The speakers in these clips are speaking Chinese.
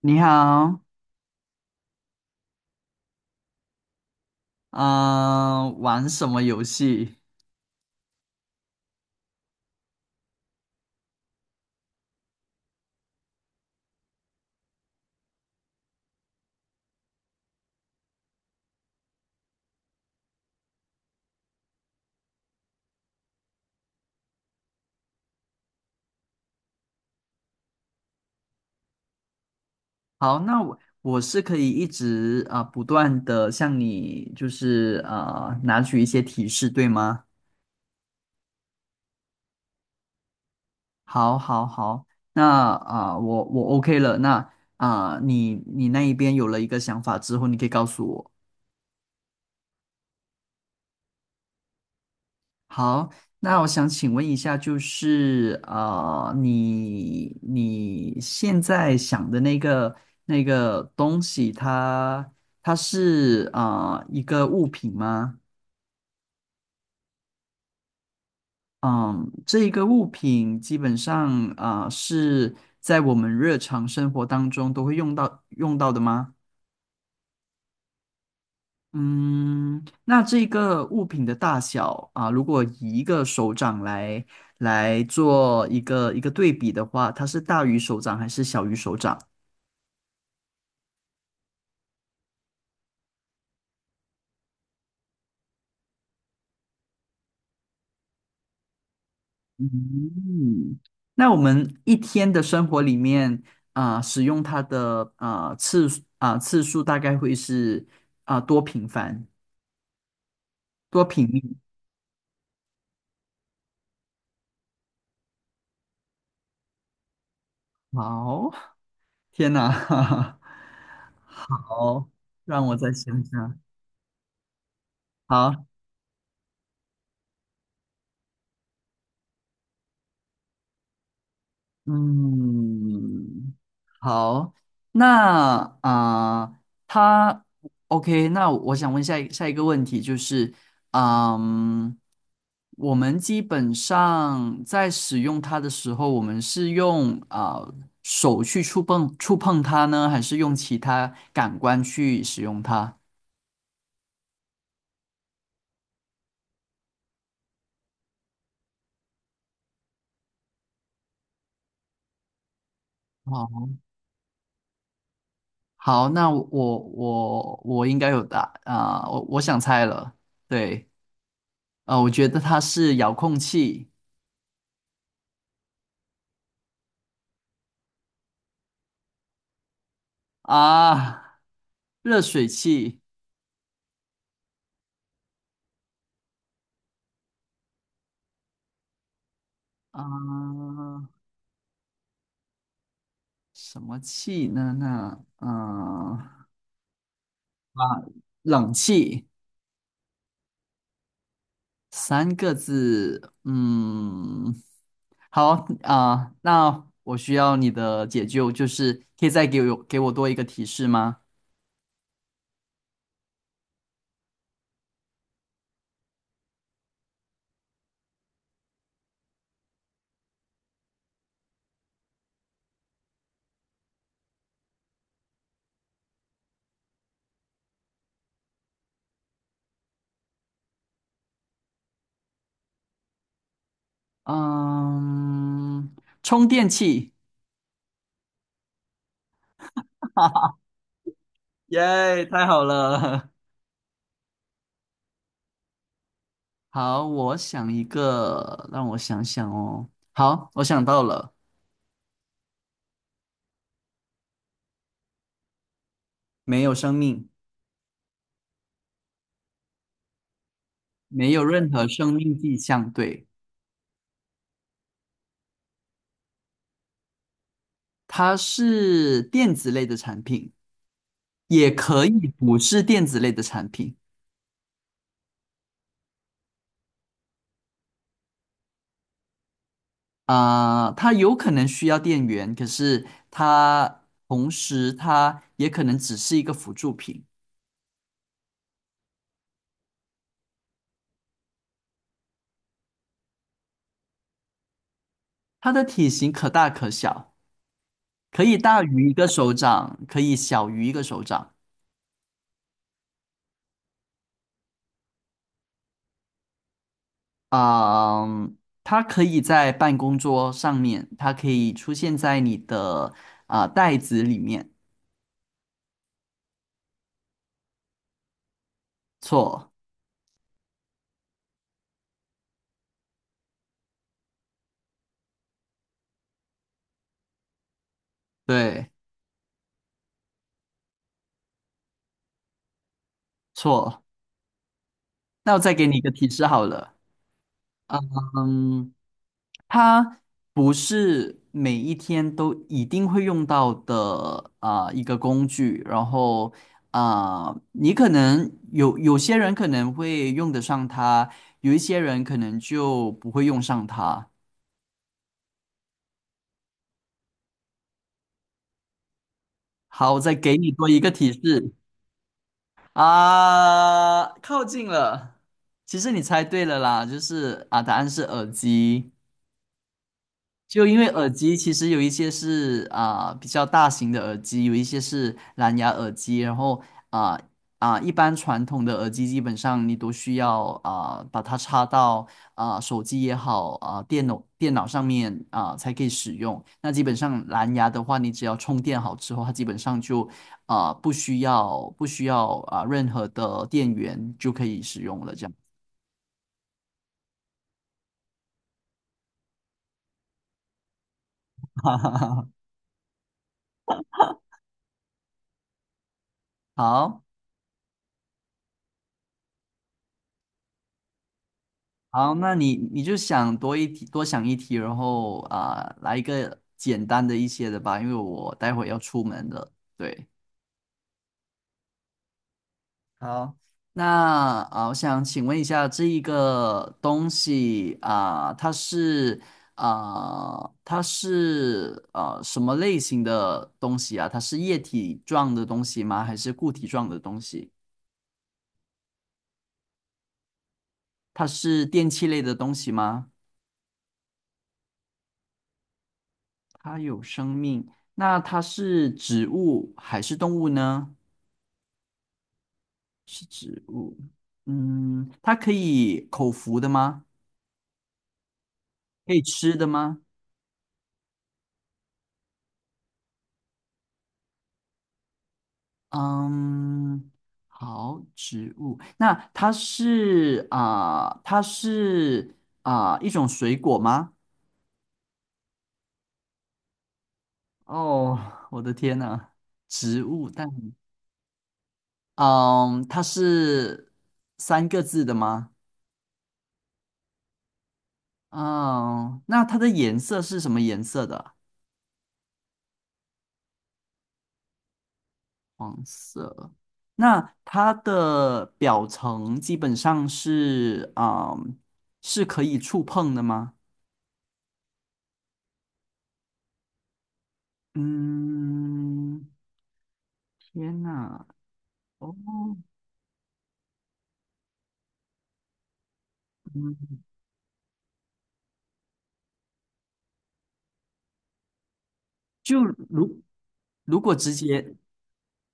你好。嗯、玩什么游戏？好，那我是可以一直不断的向你拿取一些提示，对吗？好，好，好。那啊、呃我我 OK 了。那啊、呃你你那一边有了一个想法之后，你可以告诉我。好。那我想请问一下，你现在想的那个东西它，它是一个物品吗？嗯，这一个物品基本上啊，呃是在我们日常生活当中都会用到的吗？嗯，那这个物品的大小啊，如果以一个手掌来做一个对比的话，它是大于手掌还是小于手掌？嗯，那我们一天的生活里面啊，使用它的啊次数大概会是啊多频繁、多频率？好，天哪，哈哈好，让我再想想。好。嗯。好。那啊、呃他 OK,那我想问下一下一个问题，就是，嗯，我们基本上在使用它的时候，我们是用手去触碰它呢，还是用其他感官去使用它？哦，好，那我应该有答啊、我我想猜了，对。我觉得它是遥控器。啊，热水器。啊、什么气呢？那啊，冷气。三个字，嗯，好。那我需要你的解救，就是可以再给我多一个提示吗？嗯，充电器。耶，太好了。好，我想一个，让我想想哦。好，我想到了。没有生命，没有任何生命迹象，对。它是电子类的产品，也可以不是电子类的产品。它有可能需要电源，可是它同时它也可能只是一个辅助品。它的体型可大可小，可以大于一个手掌，可以小于一个手掌。啊。它可以在办公桌上面，它可以出现在你的袋子里面。错。对。错。那我再给你一个提示好了。嗯，它不是每一天都一定会用到的一个工具，然后啊、你可能有有些人可能会用得上它，有一些人可能就不会用上它。好，我再给你多一个提示。靠近了。其实你猜对了啦，答案是耳机。就因为耳机其实有一些是比较大型的耳机，有一些是蓝牙耳机，然后啊一般传统的耳机基本上你都需要把它插到手机也好电脑上面才可以使用。那基本上蓝牙的话，你只要充电好之后，它基本上就不需要任何的电源就可以使用了。这样好。好，那你就想多一题，多想一题，然后来一个简单的一些的吧，因为我待会要出门了。对。好，那我想请问一下，这一个东西它是什么类型的东西啊？它是液体状的东西吗？还是固体状的东西？它是电器类的东西吗？它有生命。那它是植物还是动物呢？是植物。嗯，它可以口服的吗？可以吃的吗？嗯，好，植物，那它是一种水果吗？哦，我的天呐，植物，它是三个字的吗？嗯，那它的颜色是什么颜色的？黄色。那它的表层基本上是是可以触碰的吗？嗯，天哪。哦。嗯，就如，如果直接，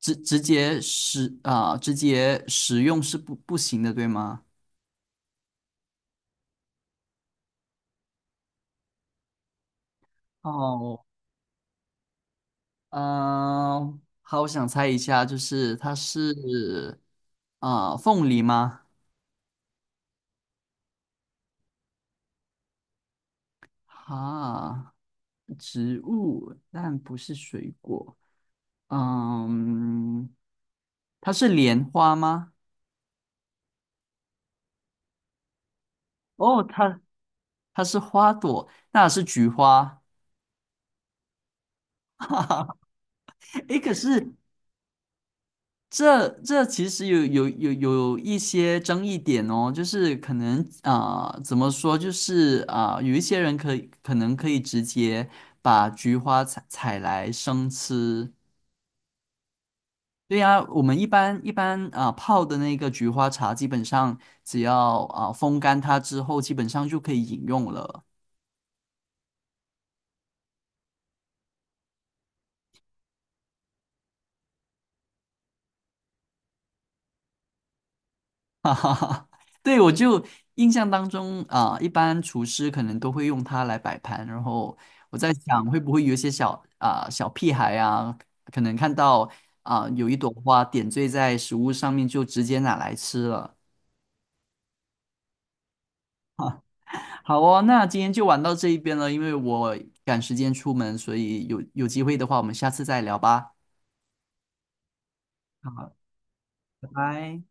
直直接使啊、直接使用是不行的，对吗？哦。嗯、好，我想猜一下，就是它是凤梨吗？哈，植物，但不是水果。嗯，它是莲花吗？哦，它它是花朵，那是菊花。诶，可是这其实有一些争议点哦，就是可能怎么说，有一些人可能可以直接把菊花采来生吃。对呀，我们一般泡的那个菊花茶，基本上只要风干它之后，基本上就可以饮用了。哈哈哈，对，我就印象当中一般厨师可能都会用它来摆盘，然后我在想会不会有一些小屁孩啊，可能看到有一朵花点缀在食物上面，就直接拿来吃了。好哦，那今天就玩到这一边了，因为我赶时间出门，所以有机会的话，我们下次再聊吧。好，拜拜。